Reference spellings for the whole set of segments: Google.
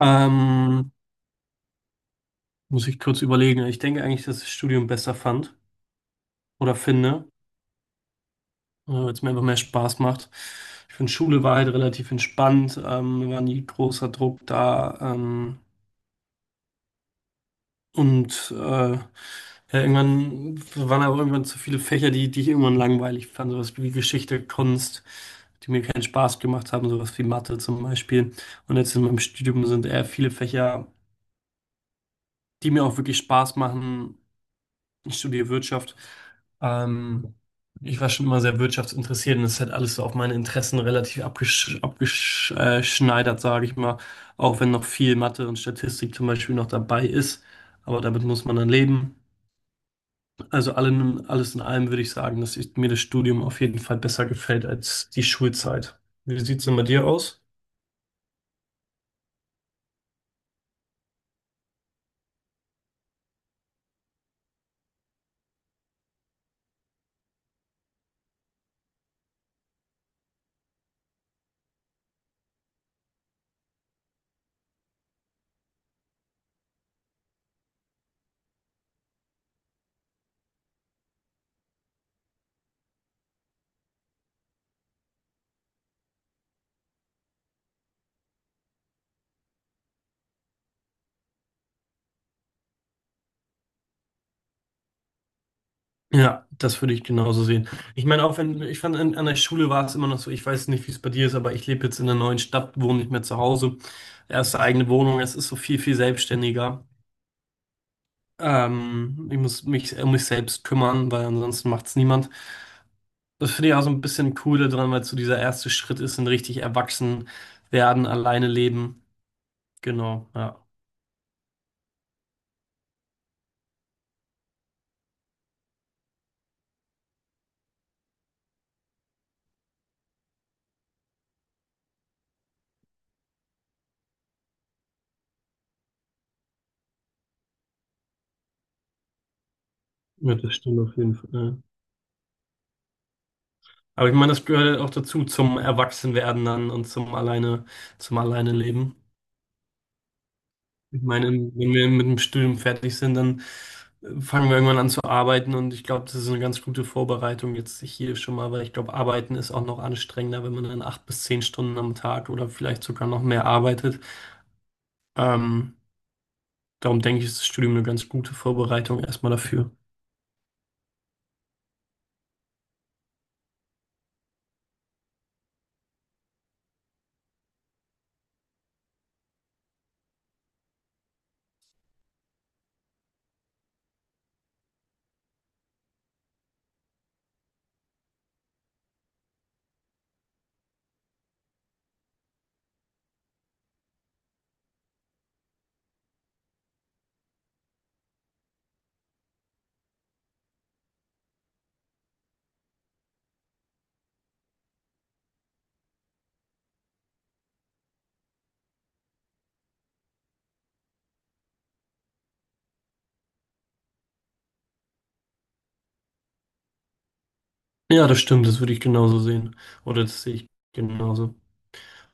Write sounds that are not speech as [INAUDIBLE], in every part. Ähm, muss ich kurz überlegen. Ich denke eigentlich, dass ich das Studium besser fand oder finde, weil es mir einfach mehr Spaß macht. Ich finde, Schule war halt relativ entspannt, mir war nie großer Druck da. Ja, irgendwann waren aber irgendwann zu viele Fächer, die ich irgendwann langweilig fand. Sowas wie Geschichte, Kunst, die mir keinen Spaß gemacht haben, sowas wie Mathe zum Beispiel. Und jetzt in meinem Studium sind eher viele Fächer, die mir auch wirklich Spaß machen. Ich studiere Wirtschaft. Ähm, ich war schon immer sehr wirtschaftsinteressiert, und das ist halt alles so auf meine Interessen relativ abgeschneidert, sage ich mal. Auch wenn noch viel Mathe und Statistik zum Beispiel noch dabei ist. Aber damit muss man dann leben. Alles in allem würde ich sagen, dass mir das Studium auf jeden Fall besser gefällt als die Schulzeit. Wie sieht es denn bei dir aus? Ja, das würde ich genauso sehen. Ich meine, auch wenn, ich fand, an der Schule war es immer noch so, ich weiß nicht, wie es bei dir ist, aber ich lebe jetzt in einer neuen Stadt, wohne nicht mehr zu Hause. Erste eigene Wohnung, es ist so viel selbstständiger. Ich muss mich um mich selbst kümmern, weil ansonsten macht es niemand. Das finde ich auch so ein bisschen cool daran, weil so dieser erste Schritt ist, ein richtig erwachsen werden, alleine leben. Genau, ja. Ja, das stimmt auf jeden Fall. Aber ich meine, das gehört halt auch dazu, zum Erwachsenwerden dann und zum alleine leben. Ich meine, wenn wir mit dem Studium fertig sind, dann fangen wir irgendwann an zu arbeiten, und ich glaube, das ist eine ganz gute Vorbereitung jetzt hier schon mal, weil ich glaube, arbeiten ist auch noch anstrengender, wenn man dann acht bis zehn Stunden am Tag oder vielleicht sogar noch mehr arbeitet. Ähm, darum denke ich, ist das Studium eine ganz gute Vorbereitung erstmal dafür. Ja, das stimmt, das würde ich genauso sehen. Oder das sehe ich genauso.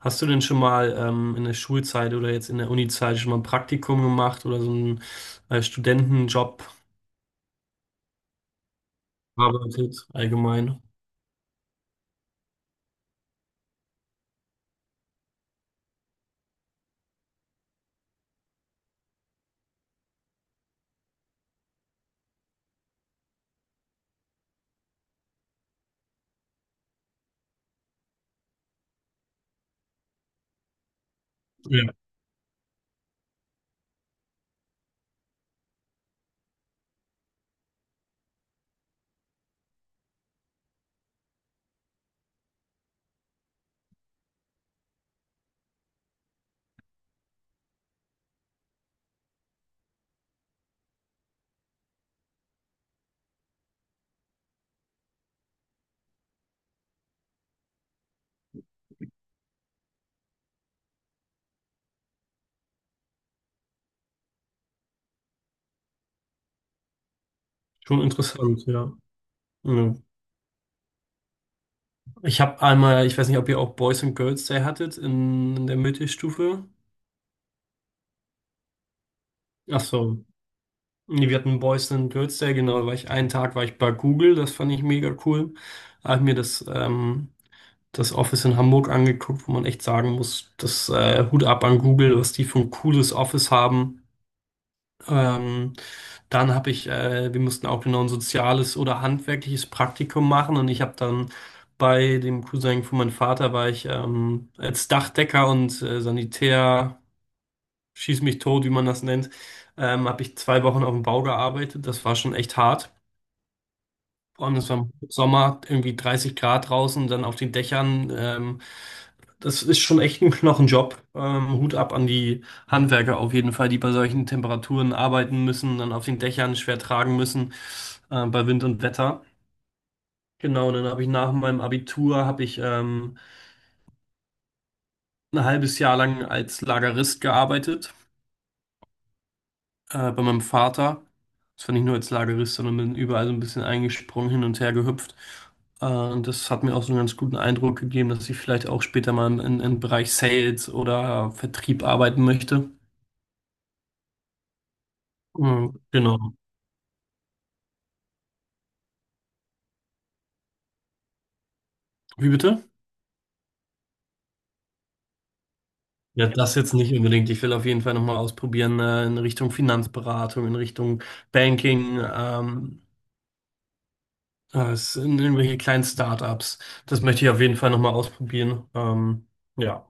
Hast du denn schon mal in der Schulzeit oder jetzt in der Unizeit schon mal ein Praktikum gemacht oder so einen Studentenjob gearbeitet allgemein? Schon interessant, ja. Ja. Ich habe einmal, ich weiß nicht, ob ihr auch Boys and Girls Day hattet in der Mittelstufe. Ach so. Nee, wir hatten Boys and Girls Day, genau, da war ich einen Tag war ich bei Google, das fand ich mega cool. Da habe ich mir das Office in Hamburg angeguckt, wo man echt sagen muss, das Hut ab an Google, was die für ein cooles Office haben. Ähm, wir mussten auch genau ein soziales oder handwerkliches Praktikum machen, und ich habe dann bei dem Cousin von meinem Vater war ich als Dachdecker und Sanitär, schieß mich tot, wie man das nennt, habe ich zwei Wochen auf dem Bau gearbeitet. Das war schon echt hart, vor allem es war im Sommer irgendwie 30 Grad draußen, dann auf den Dächern. Das ist schon echt ein Knochenjob. Hut ab an die Handwerker auf jeden Fall, die bei solchen Temperaturen arbeiten müssen, dann auf den Dächern schwer tragen müssen, bei Wind und Wetter. Genau, dann habe ich nach meinem Abitur habe ich ein halbes Jahr lang als Lagerist gearbeitet, bei meinem Vater. Das war nicht nur als Lagerist, sondern bin überall so ein bisschen eingesprungen, hin und her gehüpft. Und das hat mir auch so einen ganz guten Eindruck gegeben, dass ich vielleicht auch später mal im Bereich Sales oder Vertrieb arbeiten möchte. Mhm, genau. Wie bitte? Ja, das jetzt nicht unbedingt. Ich will auf jeden Fall nochmal ausprobieren, in Richtung Finanzberatung, in Richtung Banking, in irgendwelche kleinen Startups. Das möchte ich auf jeden Fall nochmal ausprobieren. Ja,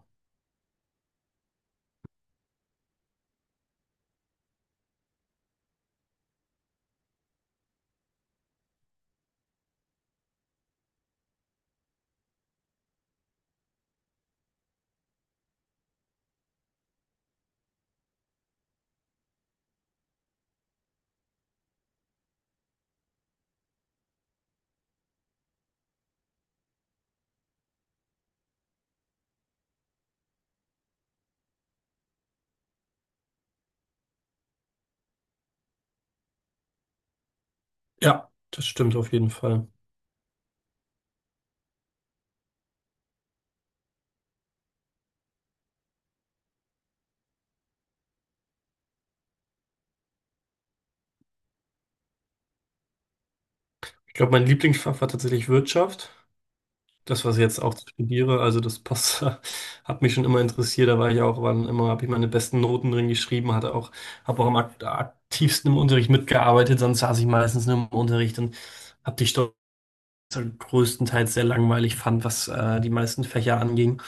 ja, das stimmt auf jeden Fall. Ich glaube, mein Lieblingsfach war tatsächlich Wirtschaft. Das, was ich jetzt auch studiere, also das passt, [LAUGHS] hat mich schon immer interessiert. Da war ich auch, wann immer habe ich meine besten Noten drin geschrieben, habe auch am aktivsten im Unterricht mitgearbeitet. Sonst saß ich meistens nur im Unterricht und habe die Stoff größtenteils sehr langweilig fand, was die meisten Fächer anging.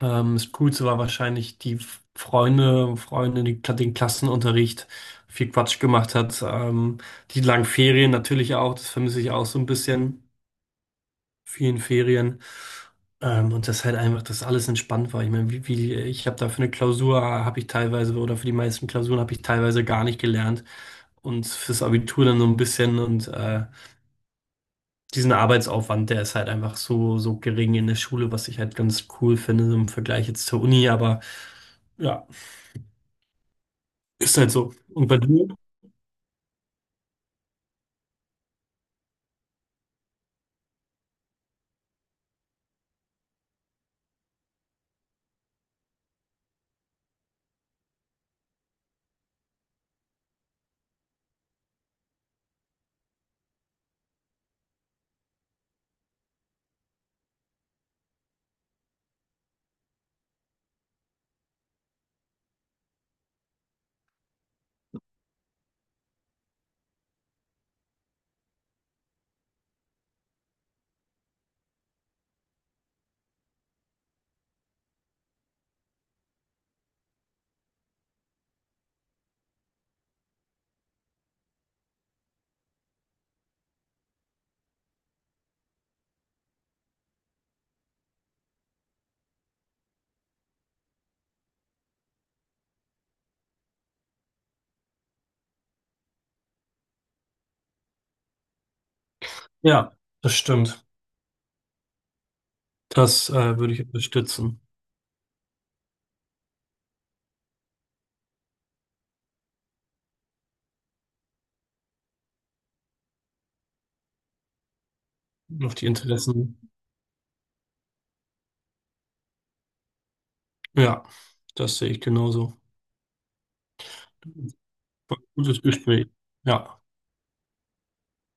Das Coolste war wahrscheinlich die Freunde, die den Klassenunterricht viel Quatsch gemacht hat. Die langen Ferien natürlich auch, das vermisse ich auch so ein bisschen. Vielen Ferien. Und dass halt einfach das alles entspannt war. Ich meine, ich habe da für eine Klausur habe ich teilweise oder für die meisten Klausuren habe ich teilweise gar nicht gelernt, und fürs Abitur dann so ein bisschen, und diesen Arbeitsaufwand, der ist halt einfach so gering in der Schule, was ich halt ganz cool finde im Vergleich jetzt zur Uni, aber ja, ist halt so. Und bei dir? Ja, das stimmt. Das würde ich unterstützen. Auf die Interessen. Ja, das sehe ich genauso. Gutes Gespräch. Ja.